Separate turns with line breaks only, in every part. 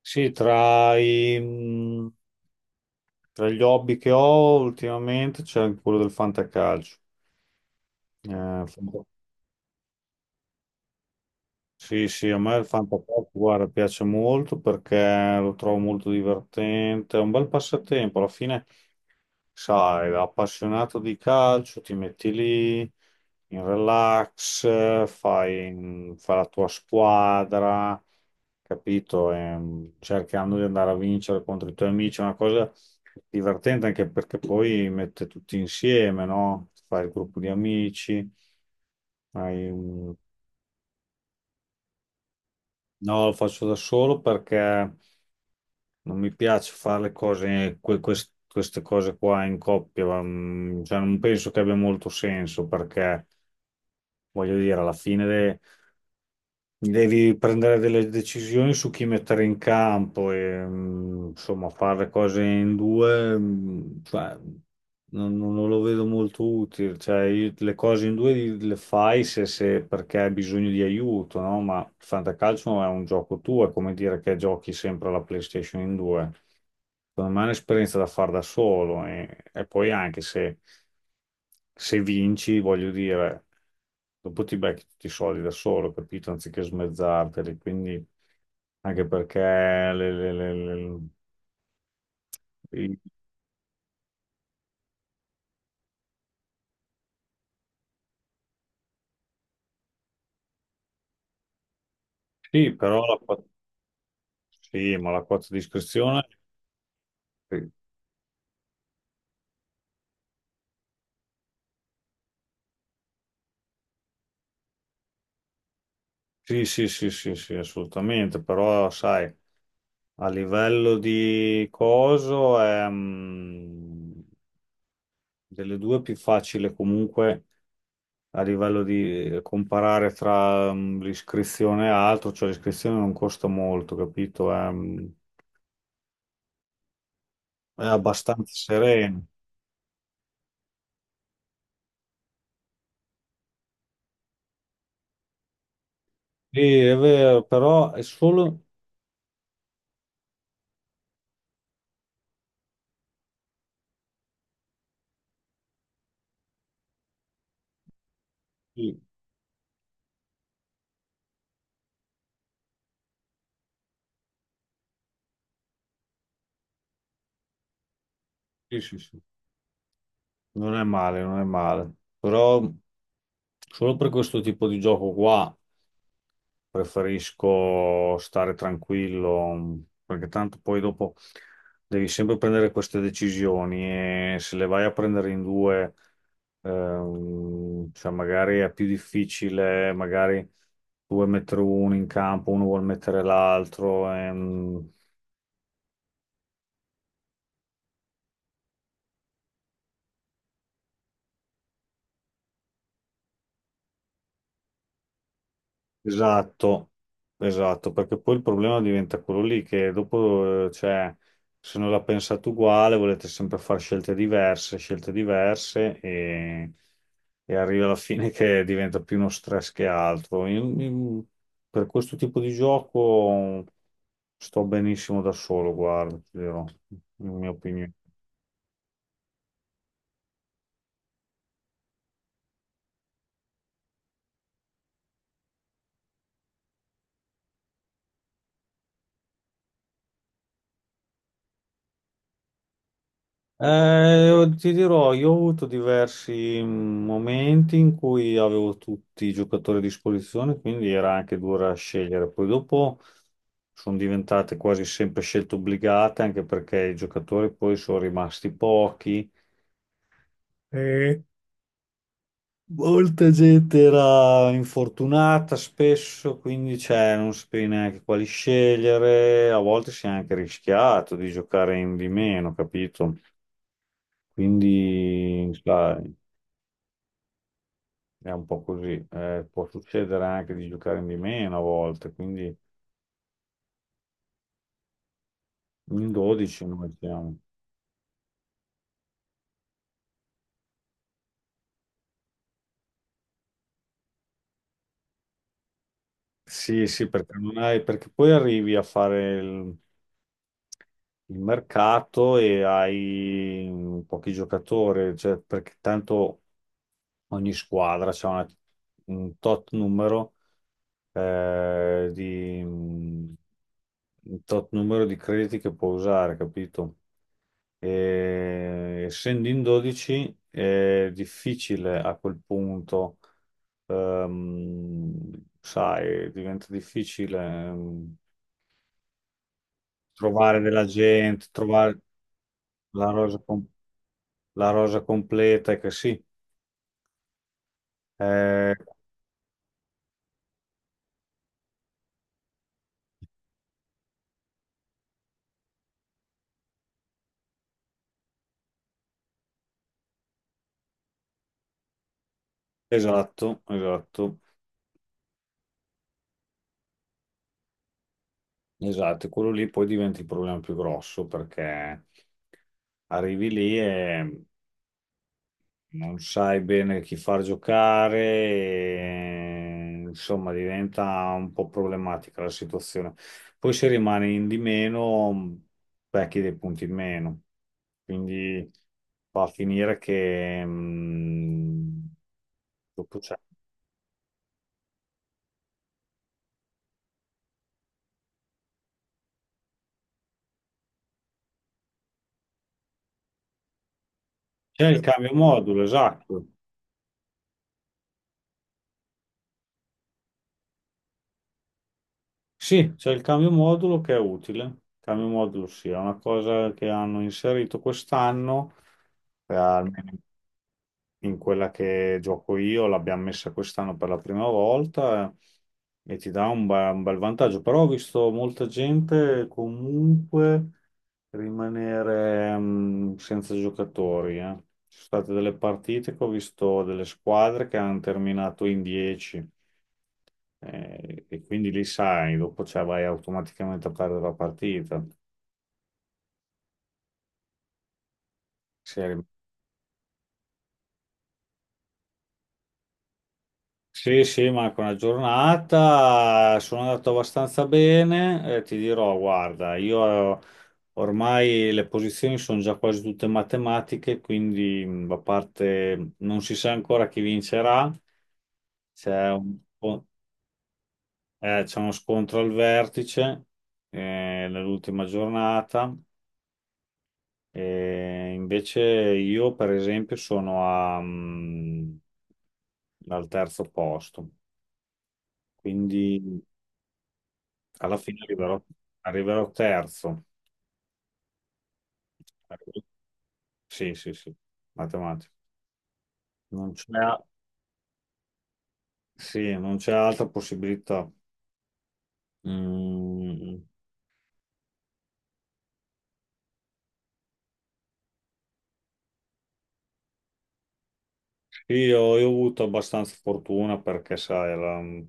Sì, tra, i, mh, Tra gli hobby che ho ultimamente c'è anche quello del fantacalcio. Eh, fanta- sì, sì, a me il fantacalcio, guarda, piace molto perché lo trovo molto divertente, è un bel passatempo. Alla fine sai, appassionato di calcio, ti metti lì in relax, fai la tua squadra, capito? Cercando di andare a vincere contro i tuoi amici, è una cosa divertente anche perché poi mette tutti insieme, no? Fai il gruppo di amici, hai un- no, lo faccio da solo perché. Non mi piace fare le cose, queste cose qua in coppia, cioè, non penso che abbia molto senso perché, voglio dire, devi prendere delle decisioni su chi mettere in campo e insomma, fare le cose in due, cioè, non lo vedo molto utile. Cioè, le cose in due le fai perché hai bisogno di aiuto, no? Ma il fantacalcio è un gioco tuo, è come dire che giochi sempre alla PlayStation in due. Secondo me è un'esperienza da fare da solo e poi anche se, se vinci, voglio dire, dopo ti becchi tutti i soldi da solo, capito? Anziché smezzarteli, quindi anche perché le- i- sì, sì, ma la quota di iscrizione, sì, sì, sì, sì, sì, assolutamente, però sai, a livello di coso è... delle due è più facile comunque a livello di comparare tra l'iscrizione e altro, cioè l'iscrizione non costa molto, capito? È abbastanza sereno. Sì, è vero, però è solo... Sì, sì, sì, sì. Non è male, non è male. Però solo per questo tipo di gioco qua. Preferisco stare tranquillo, perché tanto poi dopo devi sempre prendere queste decisioni e se le vai a prendere in due, cioè magari è più difficile, magari tu vuoi mettere uno in campo, uno vuol mettere l'altro. Esatto, esatto, perché poi il problema diventa quello lì che dopo, cioè, se non la pensate uguale, volete sempre fare scelte diverse e arriva alla fine che diventa più uno stress che altro. Io per questo tipo di gioco sto benissimo da solo, guarda, ti dirò, in mia opinione. Io ti dirò, io ho avuto diversi momenti in cui avevo tutti i giocatori a disposizione, quindi era anche dura scegliere. Poi dopo sono diventate quasi sempre scelte obbligate, anche perché i giocatori poi sono rimasti pochi. E molta gente era infortunata spesso, quindi cioè, non sapevi neanche quali scegliere. A volte si è anche rischiato di giocare in di meno, capito? Quindi, sai. È un po' così. Può succedere anche di giocare di meno a volte, quindi in 12 noi siamo. Sì, sì, perché non hai, perché poi arrivi a fare il mercato e hai pochi giocatori, cioè, perché tanto ogni squadra un tot numero eh, di, mm, un tot numero di crediti che può usare, capito? E, essendo in 12 è difficile a quel punto, ehm, sai, diventa difficile ehm, trovare della gente, trovare la rosa, com- la rosa completa, che sì, eh, esatto, esatto, esatto, e quello lì poi diventa il problema più grosso perché arrivi lì e non sai bene chi far giocare, e, insomma, diventa un po' problematica la situazione. Poi se rimani in di meno, becchi dei punti in meno, quindi va a finire che dopo c'è il cambio modulo, esatto. Sì, c'è il cambio modulo che è utile. Il cambio modulo sì, è una cosa che hanno inserito quest'anno, per almeno in quella che gioco io, l'abbiamo messa quest'anno per la prima volta e ti dà un bel vantaggio. Però ho visto molta gente comunque rimanere senza giocatori. Ci sono state delle partite che ho visto delle squadre che hanno terminato in 10 e quindi lì sai, dopo cioè, vai automaticamente a perdere la partita. Se Sì, sì, Marco, una giornata, sono andato abbastanza bene, ti dirò, guarda, io ormai le posizioni sono già quasi tutte matematiche, quindi a parte non si sa ancora chi vincerà, c'è un po- c'è uno scontro al vertice eh, nell'ultima giornata, e invece io per esempio sono al terzo posto, quindi... Alla fine arriverò terzo. Arrivo- Sì, sì, sì, matematica. Non c'è sì, non c'è altra possibilità. Mm, sì, io ho avuto abbastanza fortuna perché, sai,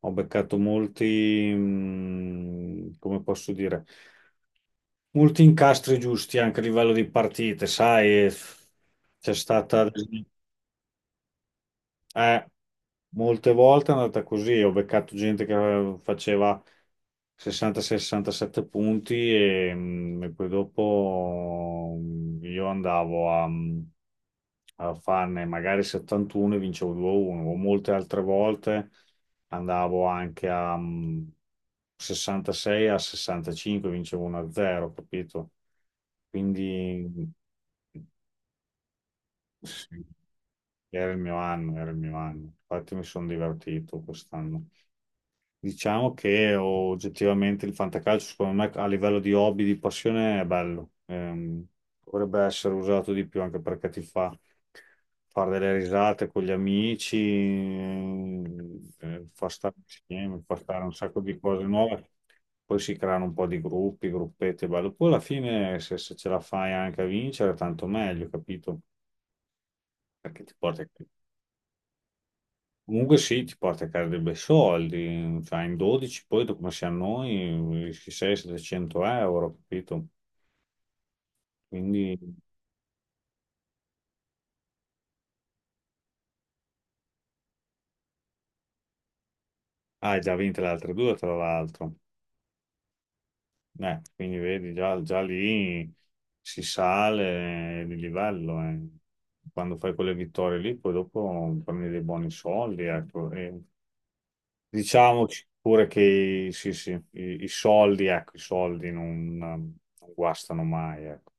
ho beccato molti, come posso dire, molti incastri giusti anche a livello di partite, sai, c'è stata Eh, molte volte è andata così, ho beccato gente che faceva 60-67 punti e poi dopo io andavo a farne magari 71 e vincevo 2-1, o molte altre volte andavo anche a 66 a 65 vincevo 1-0, capito? Quindi sì, era il mio anno, era il mio anno. Infatti mi sono divertito quest'anno. Diciamo che oggettivamente il fantacalcio, secondo me, a livello di hobby, di passione, è bello. Dovrebbe essere usato di più anche perché ti fa fare delle risate con gli amici, fa stare insieme, fa stare un sacco di cose nuove. Poi si creano un po' di gruppi, gruppetti, è bello. Poi alla fine, se, se ce la fai anche a vincere, tanto meglio, capito? Perché ti porta comunque sì, ti porta a casa dei bei soldi, cioè in 12 poi dopo come siamo noi, 600-700 euro, capito? Quindi ah, hai già vinto le altre due tra l'altro. Quindi vedi, già, già lì si sale di livello. Quando fai quelle vittorie lì, poi dopo prendi dei buoni soldi, ecco. E diciamoci pure che sì, sì, i soldi, ecco, i soldi non guastano mai, ecco.